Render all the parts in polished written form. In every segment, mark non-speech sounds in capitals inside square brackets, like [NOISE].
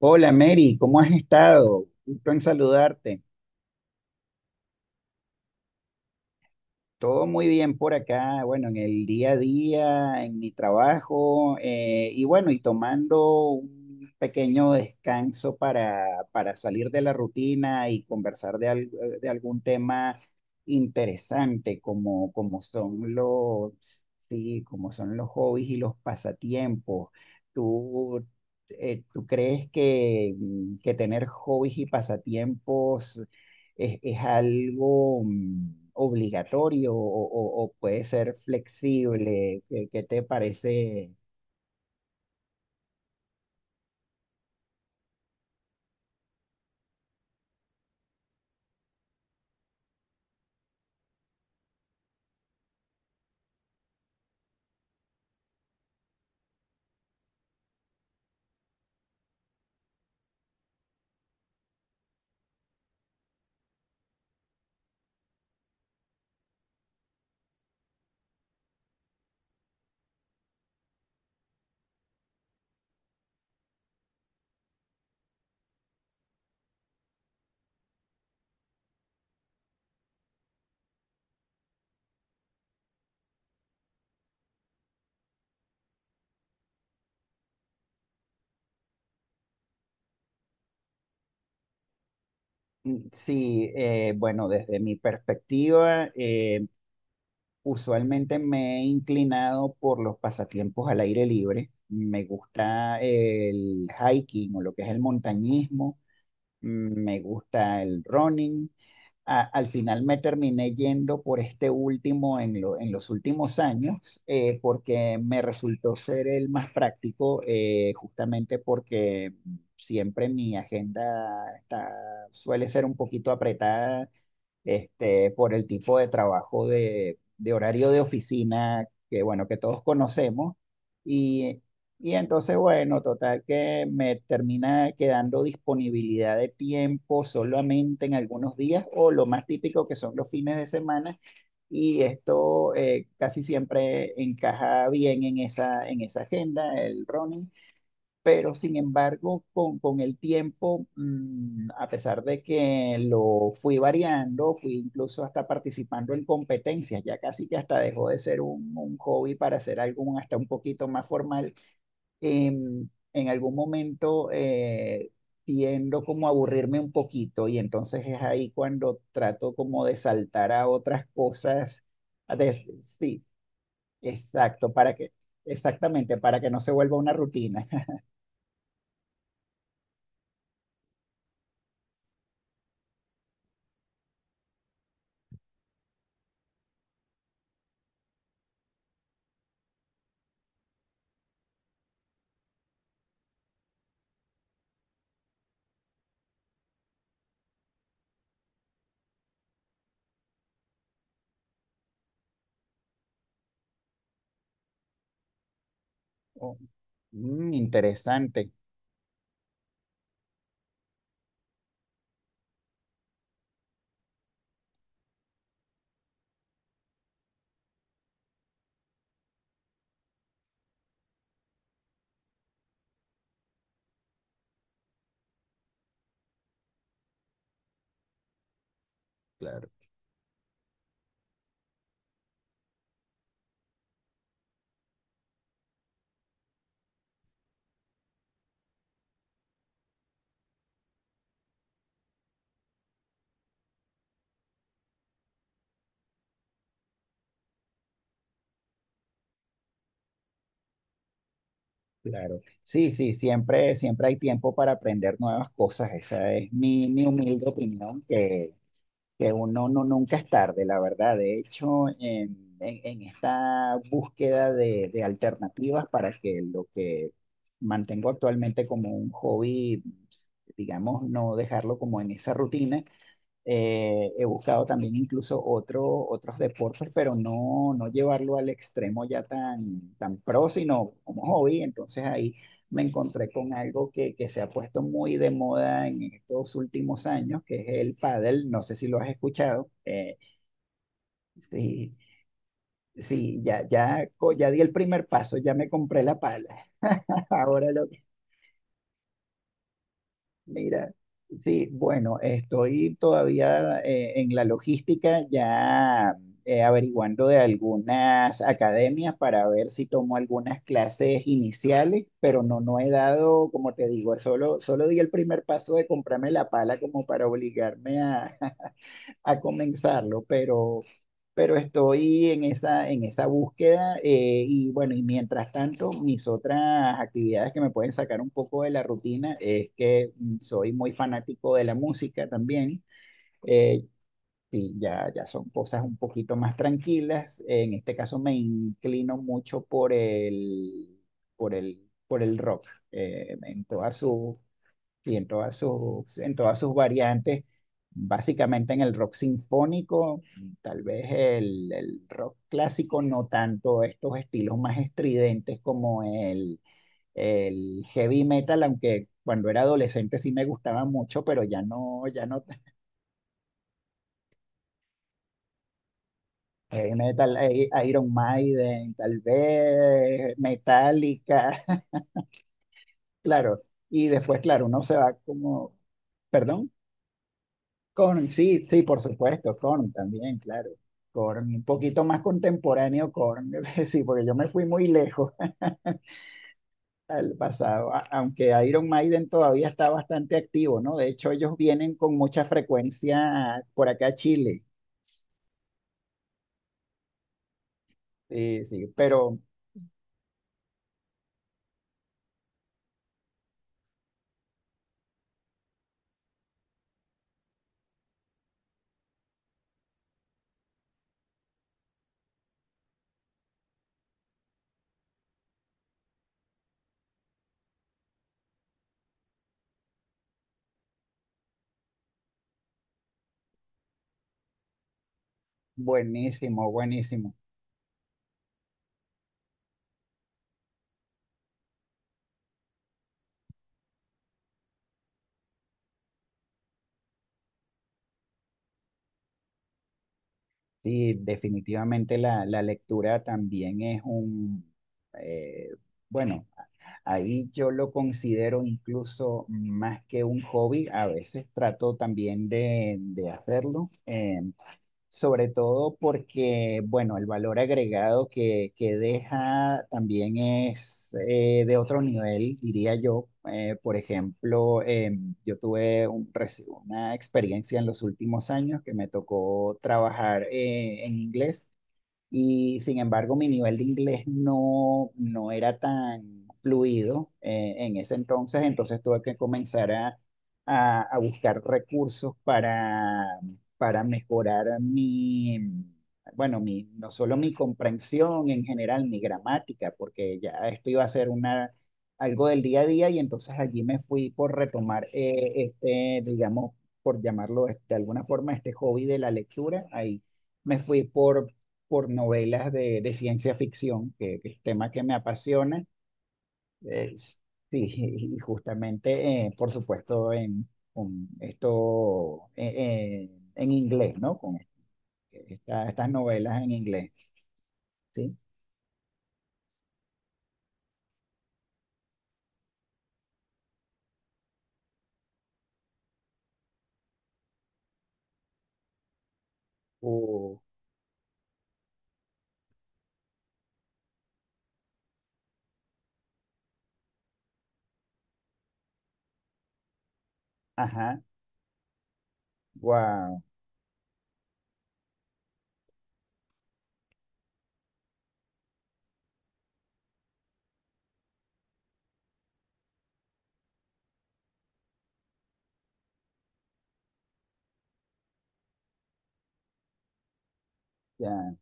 Hola Mary, ¿cómo has estado? Gusto en saludarte. Todo muy bien por acá, bueno, en el día a día, en mi trabajo, y bueno, y tomando un pequeño descanso para salir de la rutina y conversar de algún tema interesante, sí, como son los hobbies y los pasatiempos. ¿Tú, ¿tú crees que, que tener hobbies y pasatiempos es algo obligatorio o puede ser flexible? ¿Qué, qué te parece? Mm, sí, bueno, desde mi perspectiva, usualmente me he inclinado por los pasatiempos al aire libre. Me gusta el hiking o lo que es el montañismo. Mm, me gusta el running, al final me terminé yendo por este último en los últimos años, porque me resultó ser el más práctico, justamente porque siempre mi agenda está, suele ser un poquito apretada este, por el tipo de trabajo de horario de oficina que, bueno, que todos conocemos. Y, y entonces, bueno, total que me termina quedando disponibilidad de tiempo solamente en algunos días o lo más típico que son los fines de semana. Y esto, casi siempre encaja bien en esa agenda, el running, pero sin embargo, con el tiempo, mm, a pesar de que lo fui variando, fui incluso hasta participando en competencias, ya casi que hasta dejó de ser un hobby para ser algo hasta un poquito más formal, em, en algún momento, tiendo como a aburrirme un poquito y entonces es ahí cuando trato como de saltar a otras cosas. a des- sí, exacto, exactamente, para que no se vuelva una rutina. Oh, mm, interesante, claro, claro. Sí, sí, siempre, siempre hay tiempo para aprender nuevas cosas. Esa es mi humilde opinión, que uno no, nunca es tarde, la verdad. De hecho, en esta búsqueda de alternativas para que lo que mantengo actualmente como un hobby, digamos, no dejarlo como en esa rutina. He buscado también incluso otros deportes, pero no, no llevarlo al extremo ya tan, tan pro, sino como hobby. Entonces ahí me encontré con algo que se ha puesto muy de moda en estos últimos años, que es el pádel. No sé si lo has escuchado. Sí, sí, ya, ya, ya di el primer paso, ya me compré la pala. [LAUGHS] Ahora lo, Mira, sí, bueno, estoy todavía, en la logística, ya, averiguando de algunas academias para ver si tomo algunas clases iniciales, pero no, no he dado, como te digo, solo, solo di el primer paso de comprarme la pala como para obligarme a comenzarlo, pero estoy en esa búsqueda, y bueno, y mientras tanto, mis otras actividades que me pueden sacar un poco de la rutina es que, mm, soy muy fanático de la música también. Eh, sí, ya, ya son cosas un poquito más tranquilas. En este caso me inclino mucho por el rock, en todas sus... Sí, en todas sus variantes, básicamente en el rock sinfónico, tal vez el rock clásico, no tanto estos estilos más estridentes como el heavy metal, aunque cuando era adolescente sí me gustaba mucho, pero ya no, ya no, heavy metal, Iron Maiden, tal vez Metallica. [LAUGHS] Claro, y después, claro, uno se va como... Perdón. Korn, sí, sí, por supuesto, Korn también, claro. Korn, un poquito más contemporáneo Korn. [LAUGHS] Sí, porque yo me fui muy lejos [LAUGHS] al pasado, aunque Iron Maiden todavía está bastante activo, ¿no? De hecho, ellos vienen con mucha frecuencia por acá a Chile, sí, sí, pero buenísimo, buenísimo. Sí, definitivamente la lectura también es un, eh, bueno. Ahí yo lo considero incluso más que un hobby, a veces trato también de hacerlo, sobre todo porque, bueno, el valor agregado que deja también es, de otro nivel, diría yo. Por ejemplo, yo tuve una experiencia en los últimos años que me tocó trabajar, en inglés. Y sin embargo, mi nivel de inglés no, no era tan fluido, en ese entonces, entonces tuve que comenzar a, a buscar recursos para mejorar mi, bueno, mi, no solo mi comprensión en general, mi gramática, porque ya esto iba a ser una, algo del día a día y entonces allí me fui por retomar, este, digamos, por llamarlo de alguna forma, este hobby de la lectura. Ahí me fui por novelas de ciencia ficción, que es tema que me apasiona. Sí, y justamente, por supuesto, en con esto, en inglés, ¿no? Con estas novelas en inglés, ¿sí? Uh, ajá, wow, ya,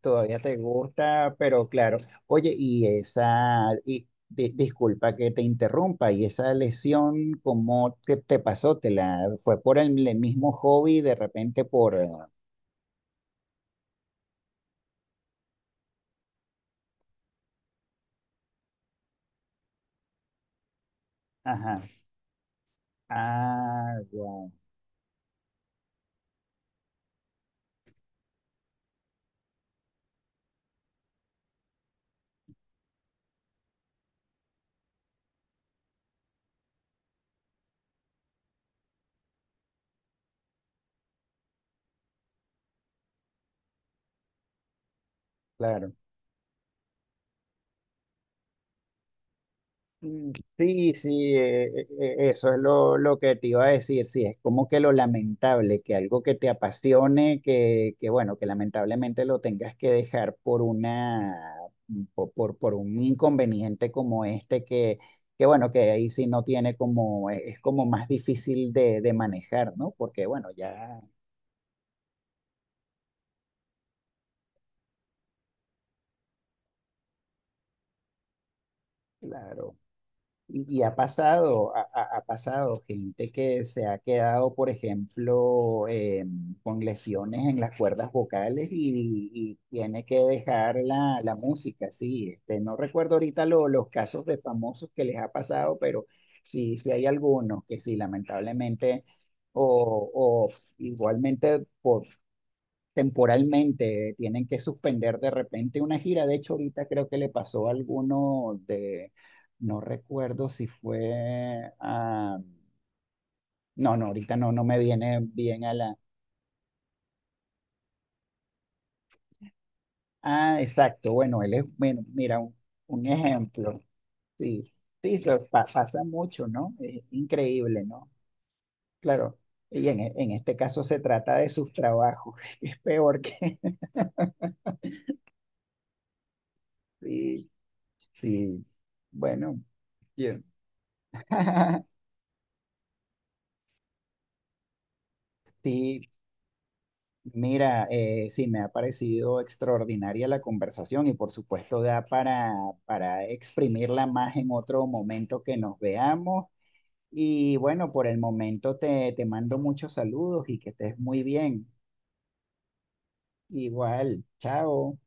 todavía te gusta, pero claro. Oye, y esa, y disculpa que te interrumpa, y esa lesión, ¿cómo te te pasó? ¿Te la fue por el mismo hobby, de repente por, eh... Ajá. Ah, wow, claro. Mm, sí, sí, eso es lo que te iba a decir. Sí, es como que lo lamentable, que algo que te apasione, que bueno, que lamentablemente lo tengas que dejar por una, por un inconveniente como este, que bueno, que ahí sí no tiene como, es como más difícil de manejar, ¿no? Porque bueno, ya, claro. Y ha pasado, ha, ha pasado gente que se ha quedado, por ejemplo, con lesiones en las cuerdas vocales y tiene que dejar la, la música, sí. Este, no recuerdo ahorita los casos de famosos que les ha pasado, pero sí, sí hay algunos que sí, lamentablemente, o igualmente temporalmente tienen que suspender de repente una gira. De hecho, ahorita creo que le pasó a alguno de, no recuerdo si fue a, no, no, ahorita no, no me viene bien a la... Ah, exacto, bueno, él es, bueno, mira, un ejemplo, sí, sí, eso pasa mucho, ¿no? Es increíble, ¿no? Claro. Y en, en este caso se trata de sus trabajos, [LAUGHS] es peor que... [LAUGHS] Sí, sí, bueno, bien. [LAUGHS] Sí, mira, sí, me ha parecido extraordinaria la conversación y por supuesto da para exprimirla más en otro momento que nos veamos. Y bueno, por el momento te, te mando muchos saludos y que estés muy bien. Igual, chao.